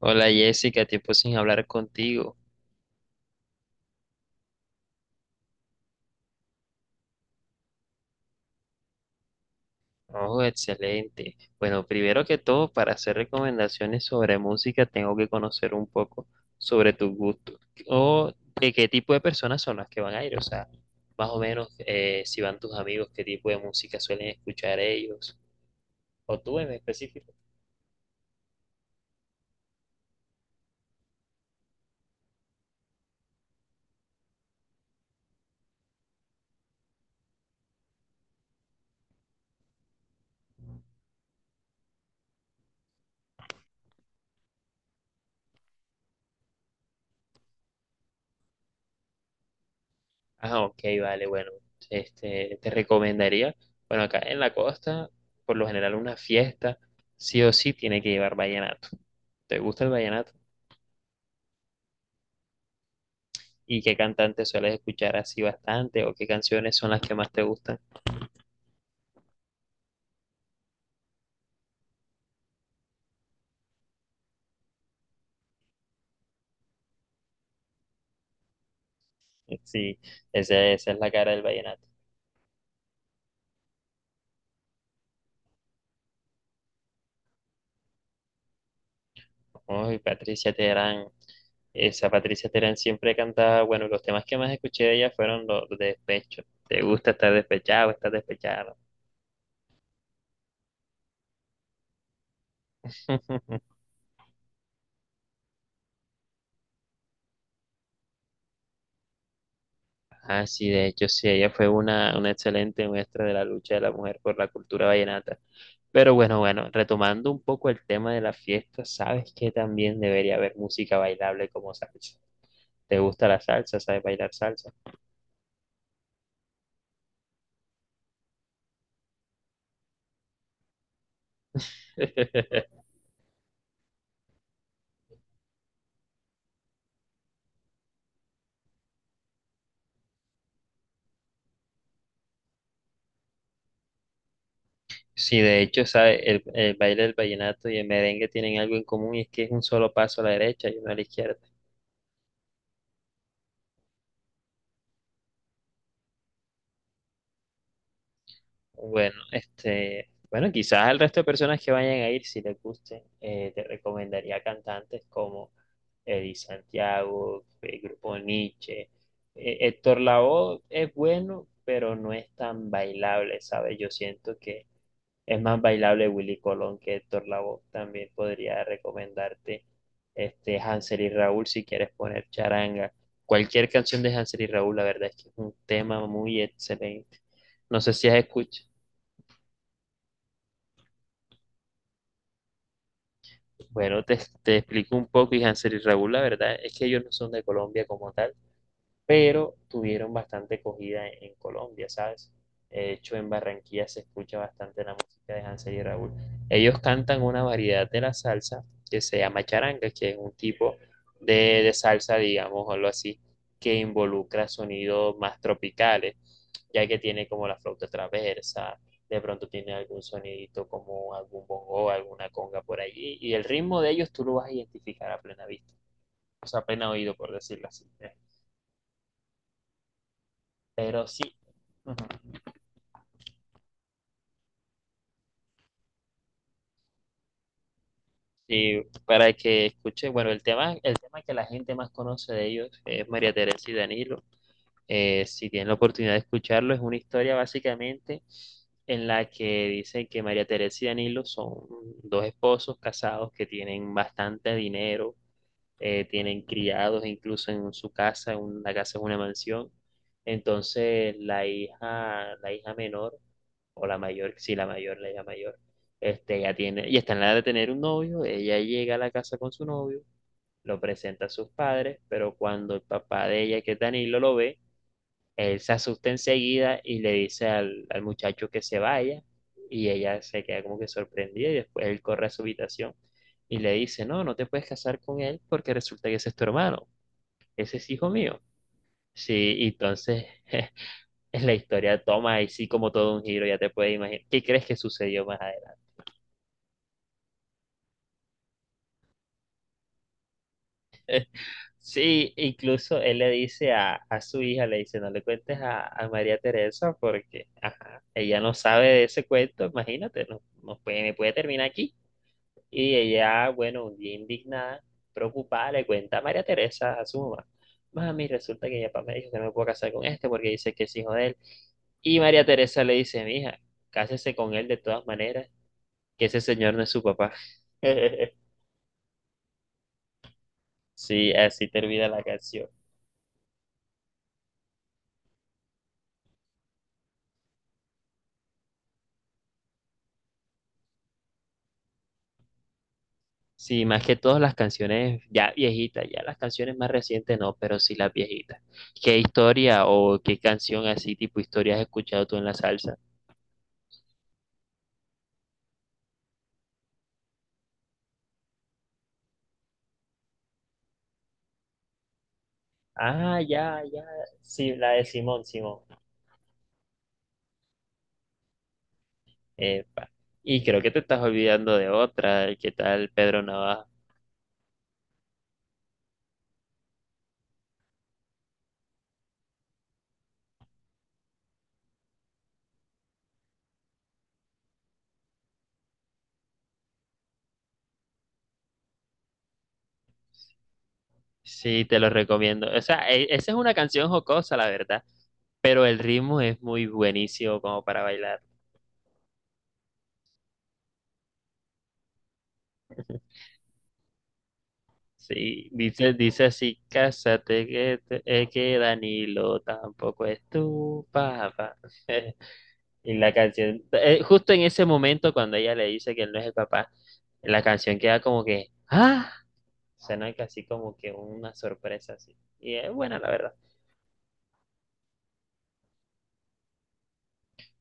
Hola Jessica, tiempo sin hablar contigo. Oh, excelente. Bueno, primero que todo, para hacer recomendaciones sobre música, tengo que conocer un poco sobre tus gustos o de qué tipo de personas son las que van a ir. O sea, más o menos si van tus amigos, qué tipo de música suelen escuchar ellos o tú en específico. Ah, ok, vale, bueno, este, te recomendaría, bueno, acá en la costa, por lo general una fiesta, sí o sí tiene que llevar vallenato. ¿Te gusta el vallenato? ¿Y qué cantantes sueles escuchar así bastante o qué canciones son las que más te gustan? Sí, esa es la cara del vallenato. Uy, Patricia Terán, esa Patricia Terán siempre cantaba, bueno, los temas que más escuché de ella fueron los de despecho. ¿Te gusta estar despechado, estar despechado? Ah, sí, de hecho, sí, ella fue una excelente muestra de la lucha de la mujer por la cultura vallenata. Pero bueno, bueno, retomando un poco el tema de la fiesta, sabes que también debería haber música bailable como salsa. ¿Te gusta la salsa? ¿Sabes bailar salsa? Sí, de hecho, ¿sabes? El baile del vallenato y el merengue tienen algo en común y es que es un solo paso a la derecha y uno a la izquierda. Bueno, este, bueno, quizás al resto de personas que vayan a ir, si les guste, te recomendaría cantantes como Eddie Santiago, el grupo Nietzsche. Héctor Lavoe es bueno, pero no es tan bailable, ¿sabes? Yo siento que es más bailable Willy Colón que Héctor Lavoe. También podría recomendarte este Hansel y Raúl si quieres poner charanga. Cualquier canción de Hansel y Raúl, la verdad es que es un tema muy excelente. No sé si has escuchado. Bueno, te explico un poco, y Hansel y Raúl, la verdad es que ellos no son de Colombia como tal pero tuvieron bastante acogida en Colombia, ¿sabes? De hecho, en Barranquilla se escucha bastante la música de Hansel y Raúl. Ellos cantan una variedad de la salsa que se llama charanga, que es un tipo de, de salsa, digamos, o algo así, que involucra sonidos más tropicales, ya que tiene como la flauta traversa, de pronto tiene algún sonidito como algún bongo, alguna conga por allí, y el ritmo de ellos tú lo vas a identificar a plena vista, o sea, a plena oído, por decirlo así. Pero sí, ajá. Y para que escuche, bueno, el tema que la gente más conoce de ellos es María Teresa y Danilo. Si tienen la oportunidad de escucharlo, es una historia básicamente en la que dicen que María Teresa y Danilo son dos esposos casados que tienen bastante dinero, tienen criados incluso en su casa, en una casa es una mansión. Entonces, la hija menor o la mayor, sí, la mayor, la ya mayor, este, ella tiene, y está en la edad de tener un novio, ella llega a la casa con su novio, lo presenta a sus padres, pero cuando el papá de ella, que es Danilo, lo ve, él se asusta enseguida y le dice al muchacho que se vaya, y ella se queda como que sorprendida, y después él corre a su habitación y le dice, no, no te puedes casar con él porque resulta que ese es tu hermano, ese es hijo mío. Sí, y entonces la historia toma ahí sí como todo un giro, ya te puedes imaginar. ¿Qué crees que sucedió más adelante? Sí, incluso él le dice a su hija, le dice, no le cuentes a María Teresa porque ajá, ella no sabe de ese cuento, imagínate, no, no puede, me puede terminar aquí. Y ella, bueno, un día indignada, preocupada, le cuenta a María Teresa, a su mamá, mami, resulta que mi papá me dijo que no me puedo casar con este porque dice que es hijo de él. Y María Teresa le dice, mija, cásese con él de todas maneras, que ese señor no es su papá. Sí, así termina la canción. Sí, más que todas las canciones ya viejitas, ya las canciones más recientes no, pero sí las viejitas. ¿Qué historia o qué canción así tipo historia has escuchado tú en la salsa? Ah, ya, ya, sí, la de Simón, Simón. Epa. Y creo que te estás olvidando de otra, ¿qué tal Pedro Navaja? Sí, te lo recomiendo. O sea, esa es una canción jocosa, la verdad, pero el ritmo es muy buenísimo como para bailar. Sí, dice, dice así, cásate que, es que Danilo tampoco es tu papá. Y la canción, justo en ese momento cuando ella le dice que él no es el papá, la canción queda como que, ¡ah! Suena casi como que una sorpresa así. Y es buena, la verdad.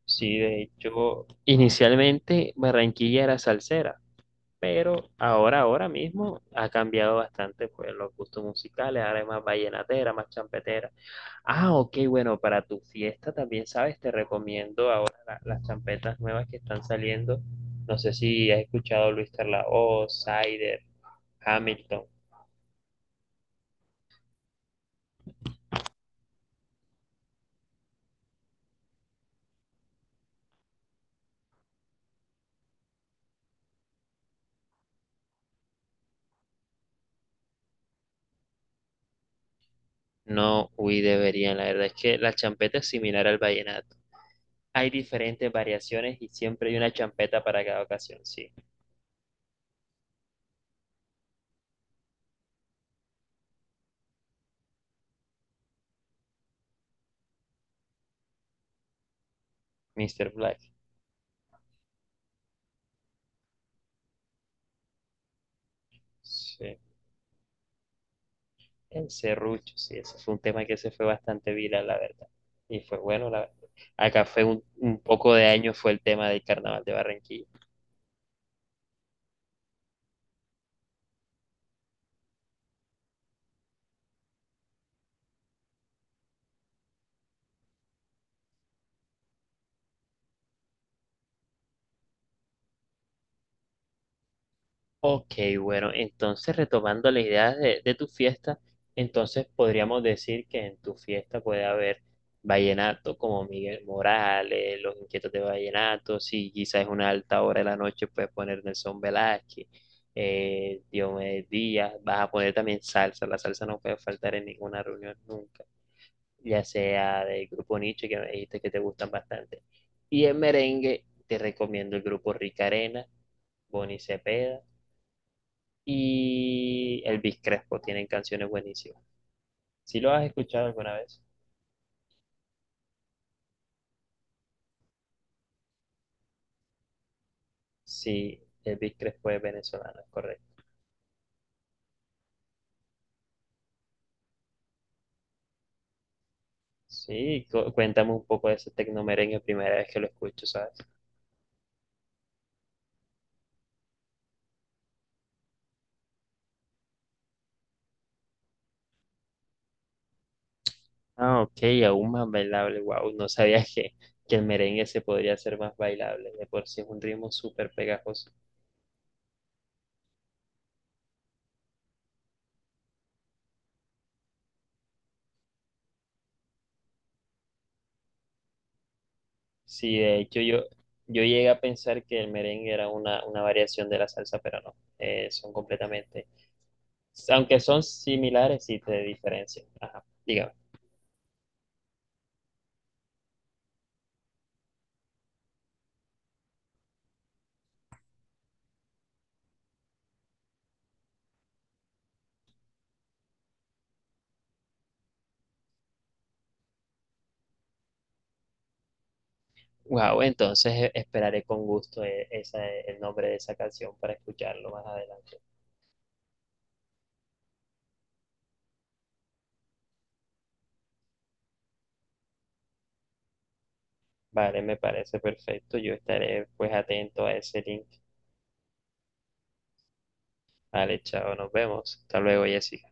Sí, de hecho, inicialmente Barranquilla era salsera. Pero ahora, ahora mismo ha cambiado bastante pues los gustos musicales, ahora es más vallenatera, más champetera. Ah, ok, bueno, para tu fiesta también, ¿sabes? Te recomiendo ahora las champetas nuevas que están saliendo. No sé si has escuchado Luis Carlaos, Sider, Hamilton. No, uy, deberían, la verdad es que la champeta es similar al vallenato. Hay diferentes variaciones y siempre hay una champeta para cada ocasión, sí. Mr. Black. Sí. El serrucho, sí, ese fue un tema que se fue bastante viral, la verdad. Y fue bueno, la verdad. Acá fue un poco de año, fue el tema del carnaval de Barranquilla. Ok, bueno, entonces retomando las ideas de tu fiesta, entonces podríamos decir que en tu fiesta puede haber vallenato como Miguel Morales, Los Inquietos de Vallenato, si quizás es una alta hora de la noche, puedes poner Nelson Velázquez, Diomedes Díaz, vas a poner también salsa, la salsa no puede faltar en ninguna reunión nunca. Ya sea del grupo Niche, que me dijiste que te gustan bastante. Y en merengue te recomiendo el grupo Rica Arena, Bonnie Cepeda y Elvis Crespo, tienen canciones buenísimas. ¿Si lo has escuchado alguna vez? Sí, Elvis Crespo es venezolano, es correcto. Sí, cuéntame un poco de ese tecnomerengue, primera vez que lo escucho, ¿sabes? Ah, ok, aún más bailable, wow, no sabía que el merengue se podría hacer más bailable, de por sí es un ritmo súper pegajoso. Sí, de hecho yo, yo llegué a pensar que el merengue era una variación de la salsa, pero no, son completamente, aunque son similares, sí te diferencian. Ajá, dígame. Wow, entonces esperaré con gusto esa, el nombre de esa canción para escucharlo más adelante. Vale, me parece perfecto. Yo estaré pues atento a ese link. Vale, chao, nos vemos. Hasta luego, Jessica.